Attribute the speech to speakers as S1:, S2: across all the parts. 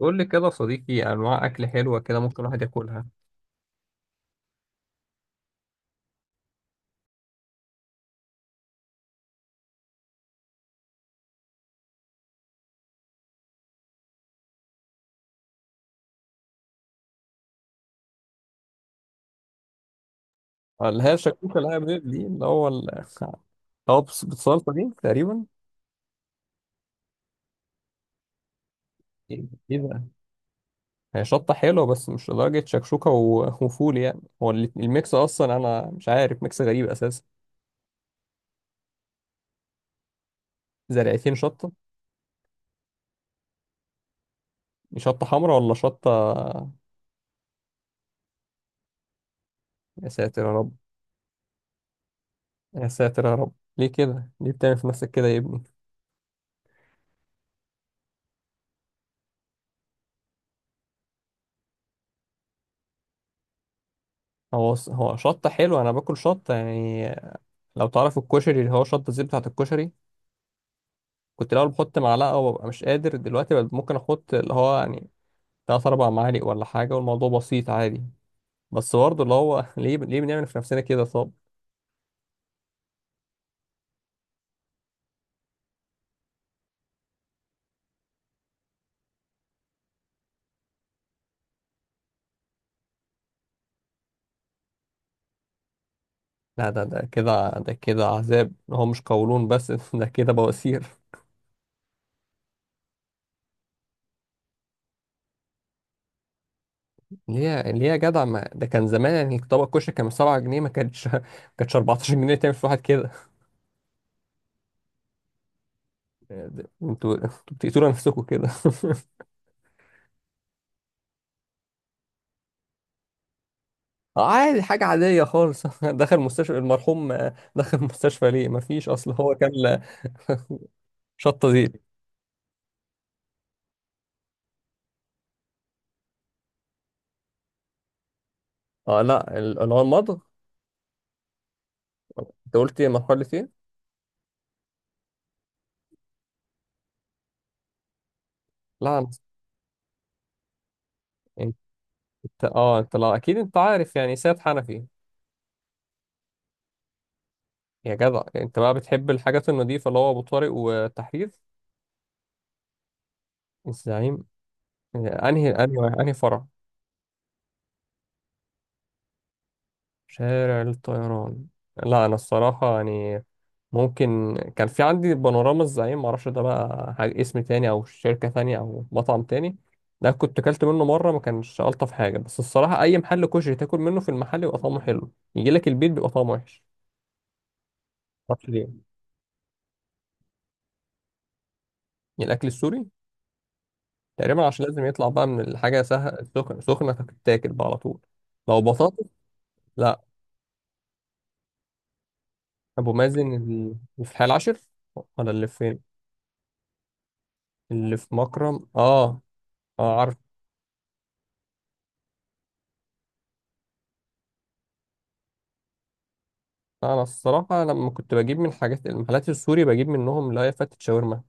S1: قول لي كده يا صديقي، انواع اكل حلوه كده ممكن الواحد ياكلها. اللي هي الشكوكه اللي هي بيض دي اللي هو اللي بالصلصه دي تقريبا. ايه. إيه ده؟ هي شطه حلوه بس مش لدرجه شكشوكه وفول يعني، هو الميكس اصلا، انا مش عارف، ميكس غريب اساسا. زرعتين شطه؟ دي شطه حمراء ولا شطه؟ يا ساتر يا رب. يا ساتر يا رب. ليه كده، ليه بتعمل في نفسك كده يا ابني؟ هو هو شطه حلوه، انا باكل شطه يعني. لو تعرف الكشري اللي هو شطه زي بتاعه الكشري. كنت الاول بحط معلقه وببقى مش قادر، دلوقتي بقى ممكن احط اللي هو يعني تلات اربع معالق ولا حاجه، والموضوع بسيط عادي. بس برضه اللي هو ليه بنعمل في نفسنا كده طب؟ لا، ده كده عذاب، هو مش قولون بس، ده كده بواسير. ليه يا جدع، ما ده كان زمان يعني، طبق الكشري كان ب 7 جنيه، ما كانتش ما كانتش 14 جنيه تعمل في واحد كده. انتوا بتقتلوا نفسكم كده عادي، حاجة عادية خالص. دخل مستشفى المرحوم، دخل مستشفى ليه؟ ما فيش، اصل هو كان شطة زيت. اه لا، اللي هو المضغ. انت قلت ايه؟ مرحلة ايه؟ لا انت، لا اكيد انت عارف يعني سيد حنفي. يا جدع انت بقى بتحب الحاجات النظيفة، اللي هو ابو طارق والتحرير. الزعيم. انهي انهي فرع؟ شارع الطيران. لا انا الصراحة يعني، ممكن كان في عندي بانوراما الزعيم، معرفش ده بقى حاجة اسم تاني او شركة تانية او مطعم تاني. ده كنت اكلت منه مرة، ما كانش الطف حاجة، بس الصراحة اي محل كشري تاكل منه في المحل يبقى طعمه حلو، يجي لك البيت بيبقى طعمه وحش. معرفش ليه يعني. الاكل السوري تقريبا عشان لازم يطلع بقى من الحاجة سهل، سخنة سخنة تتاكل بقى على طول. لو بطاطس. لا، ابو مازن اللي في الحي العاشر ولا اللي فين؟ اللي في مكرم، اه. اه. انا الصراحه لما كنت بجيب من حاجات المحلات السوري بجيب منهم اللي هي فتة شاورما،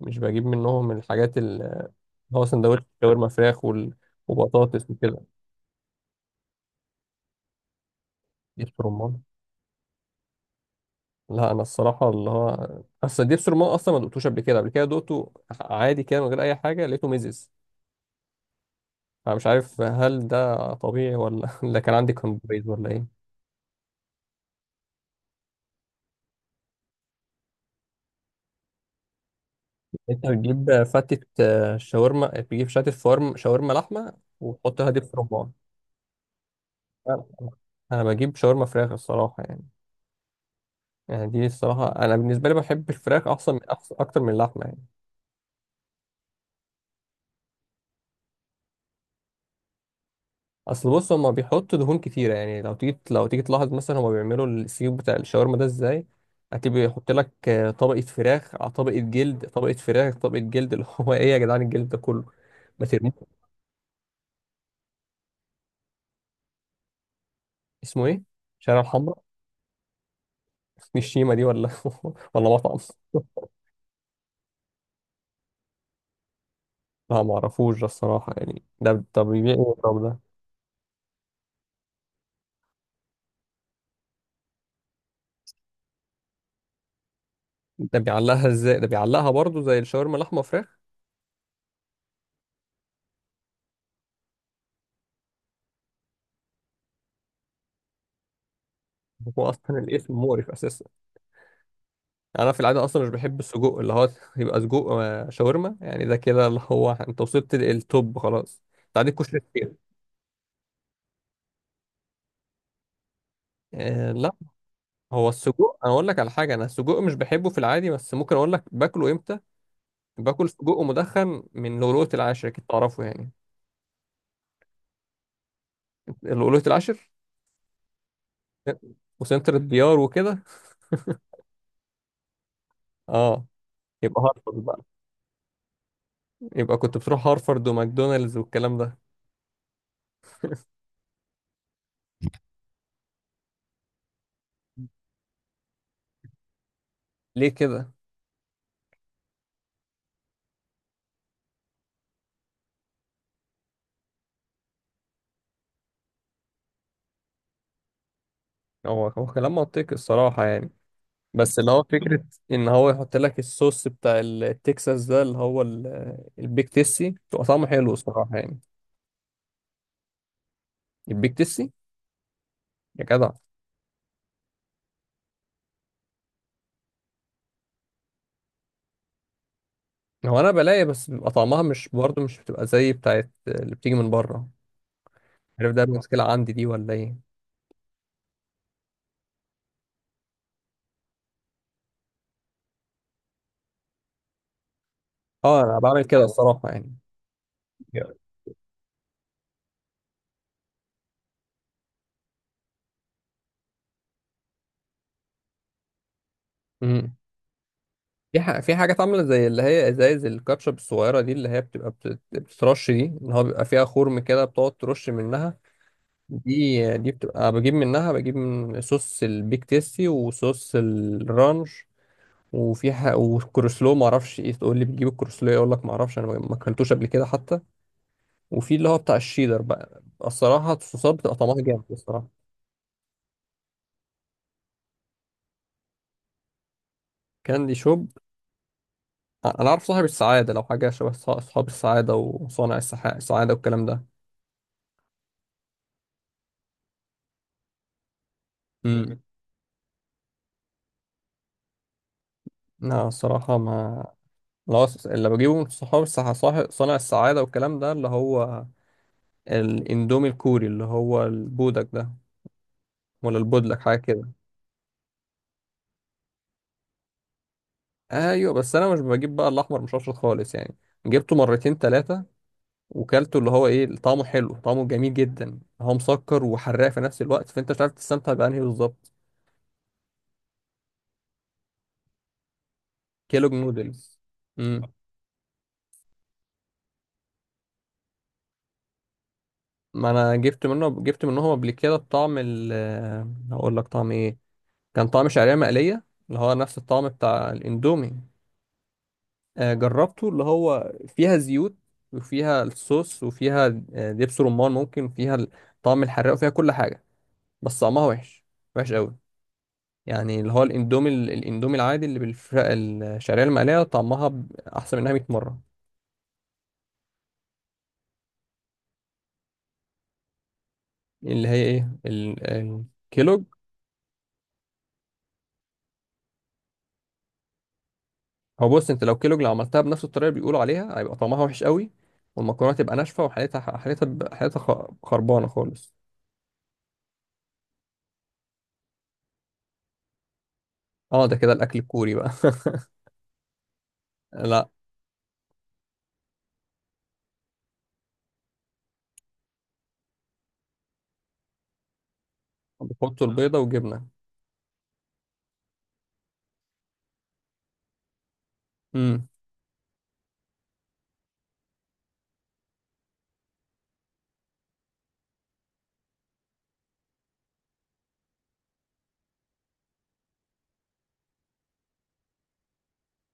S1: مش بجيب منهم الحاجات اللي هو سندوتش شاورما فراخ وبطاطس وكده. دبس رمان؟ لا انا الصراحه اللي هو، اصل دبس رمان اصلا ما دقتوش قبل كده دقته عادي كده من غير اي حاجه، لقيته ميزز. انا مش عارف هل ده طبيعي ولا ولا كان عندي كومبريز ولا ايه. انت بتجيب فتة شاورما، بتجيب فتة فارم شاورما لحمه وتحط لها دبس رمان؟ انا أنا بجيب شاورما فراخ الصراحه يعني. يعني دي الصراحة أنا بالنسبة لي بحب الفراخ أحسن، من أحسن أكتر من اللحمة يعني. أصل بص، هما بيحطوا دهون كتيرة يعني، لو تيجي تلاحظ مثلا هما بيعملوا السيخ بتاع الشاورما ده إزاي. هتبقى يحط لك طبقة فراخ على طبقة جلد، طبقة فراخ طبقة جلد، اللي هو إيه يا جدعان الجلد ده كله؟ ما ترموه. اسمه إيه؟ شارع الحمراء؟ دي الشيمة دي ولا ولا مطعم؟ لا ما اعرفوش ده الصراحة يعني. ده طب بيبيع إيه الراجل ده؟ ده بيعلقها إزاي؟ ده بيعلقها برضه زي الشاورما لحمة فراخ؟ هو أصلا الاسم مقرف أساسا، يعني انا في العاده اصلا مش بحب السجق اللي هو، يبقى سجق شاورما يعني، ده كده اللي هو انت وصلت للتوب خلاص، انت عندك كشري كتير. آه لا. هو السجق، انا اقول لك على حاجه، انا السجق مش بحبه في العادي بس ممكن اقول لك باكله امتى. باكل سجق مدخن من لؤلؤة العاشر، اكيد تعرفه يعني. لؤلؤة العاشر وسنتر الديار وكده. اه. يبقى هارفرد بقى، يبقى كنت بتروح هارفرد وماكدونالدز والكلام ده. ليه كده؟ هو هو كلام منطقي الصراحه يعني، بس اللي هو فكرة إن هو يحط لك الصوص بتاع التكساس ده اللي هو البيك تيسي، بيبقى طعمه حلو الصراحة يعني. البيك تيسي، يا جدع. هو أنا بلاقي بس بيبقى طعمها مش برضه، مش بتبقى زي بتاعت اللي بتيجي من بره، عارف؟ ده مشكلة عندي دي ولا إيه؟ أه أنا بعمل كده الصراحة يعني. امم. في حاجات عاملة زي اللي هي إزايز الكاتشب الصغيرة دي اللي هي بتبقى بتترش، دي اللي هو بيبقى فيها خرم كده بتقعد ترش منها. دي بتبقى بجيب منها، بجيب من صوص البيك تيستي وصوص الرانش. والكروسلو ما اعرفش ايه، تقول لي بتجيب الكروسلو إيه؟ اقول لك ما اعرفش، انا ما اكلتوش قبل كده حتى. وفي اللي هو بتاع الشيدر بقى، الصراحه الصوصات بتبقى طعمها جامد الصراحه. كاندي شوب. انا اعرف صاحب السعاده، لو حاجه شبه اصحاب السعاده وصانع السعاده والكلام ده. امم. لا الصراحه ما، لا اللي بجيبه من صحاب صانع السعاده والكلام ده اللي هو الاندومي الكوري اللي هو البودك ده، ولا البودلك حاجه كده. ايوه بس انا مش بجيب بقى الاحمر مشطشط خالص يعني. جبته مرتين ثلاثه وكلته، اللي هو ايه، طعمه حلو، طعمه جميل جدا، هو مسكر وحراق في نفس الوقت، فانت مش عارف تستمتع بانهي بالظبط. كيلوج نودلز. امم. ما انا جبت منهم قبل كده بطعم ال، هقول لك طعم ايه، كان طعم شعريه مقليه اللي هو نفس الطعم بتاع الاندومي. جربته اللي هو فيها زيوت وفيها الصوص وفيها دبس رمان ممكن، فيها طعم الحراق وفيها كل حاجة، بس طعمها وحش، وحش قوي. يعني اللي هو الاندومي العادي اللي بالفراخ الشعرية المقلية طعمها أحسن منها 100 مرة. اللي هي إيه الكيلوج. هو بص، أنت لو كيلوج لو عملتها بنفس الطريقة اللي بيقولوا عليها هيبقى طعمها وحش قوي، والمكرونة تبقى ناشفة، وحالتها حالتها حالتها خربانة خالص. اه، ده كده الأكل الكوري بقى لا، بيحطوا البيضة وجبنة. امم.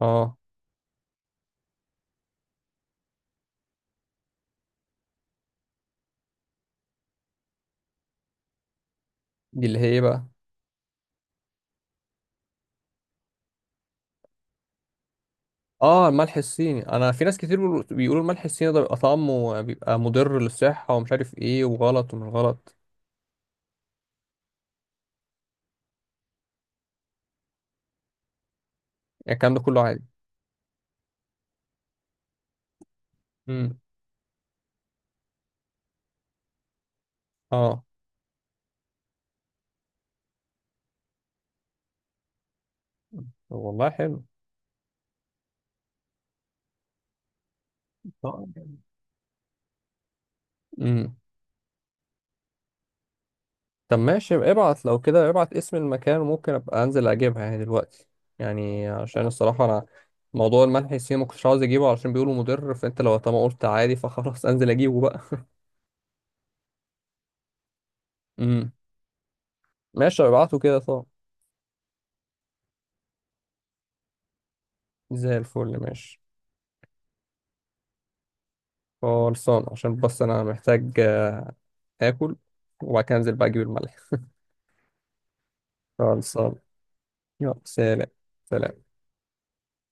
S1: اه. دي اللي هي إيه بقى؟ اه، الملح الصيني. انا في ناس كتير بيقولوا الملح الصيني ده بيبقى طعمه بيبقى مضر للصحة، ومش عارف ايه وغلط ومش غلط. يعني الكلام ده كله عادي. امم. اه. طب والله حلو. طب. امم. طب ماشي، يبقى ابعت لو كده، ابعت اسم المكان وممكن ابقى انزل اجيبها يعني دلوقتي، يعني عشان الصراحة انا، موضوع الملح الصيني ما كنتش عاوز اجيبه علشان بيقولوا مضر، فانت لو طالما قلت عادي فخلاص انزل اجيبه بقى. امم. ماشي، ابعته كده طب. زي الفل، ماشي. خلصان عشان بس انا محتاج اكل، وبعد كده انزل بقى اجيب الملح. خلصان. يلا سلام. سلام.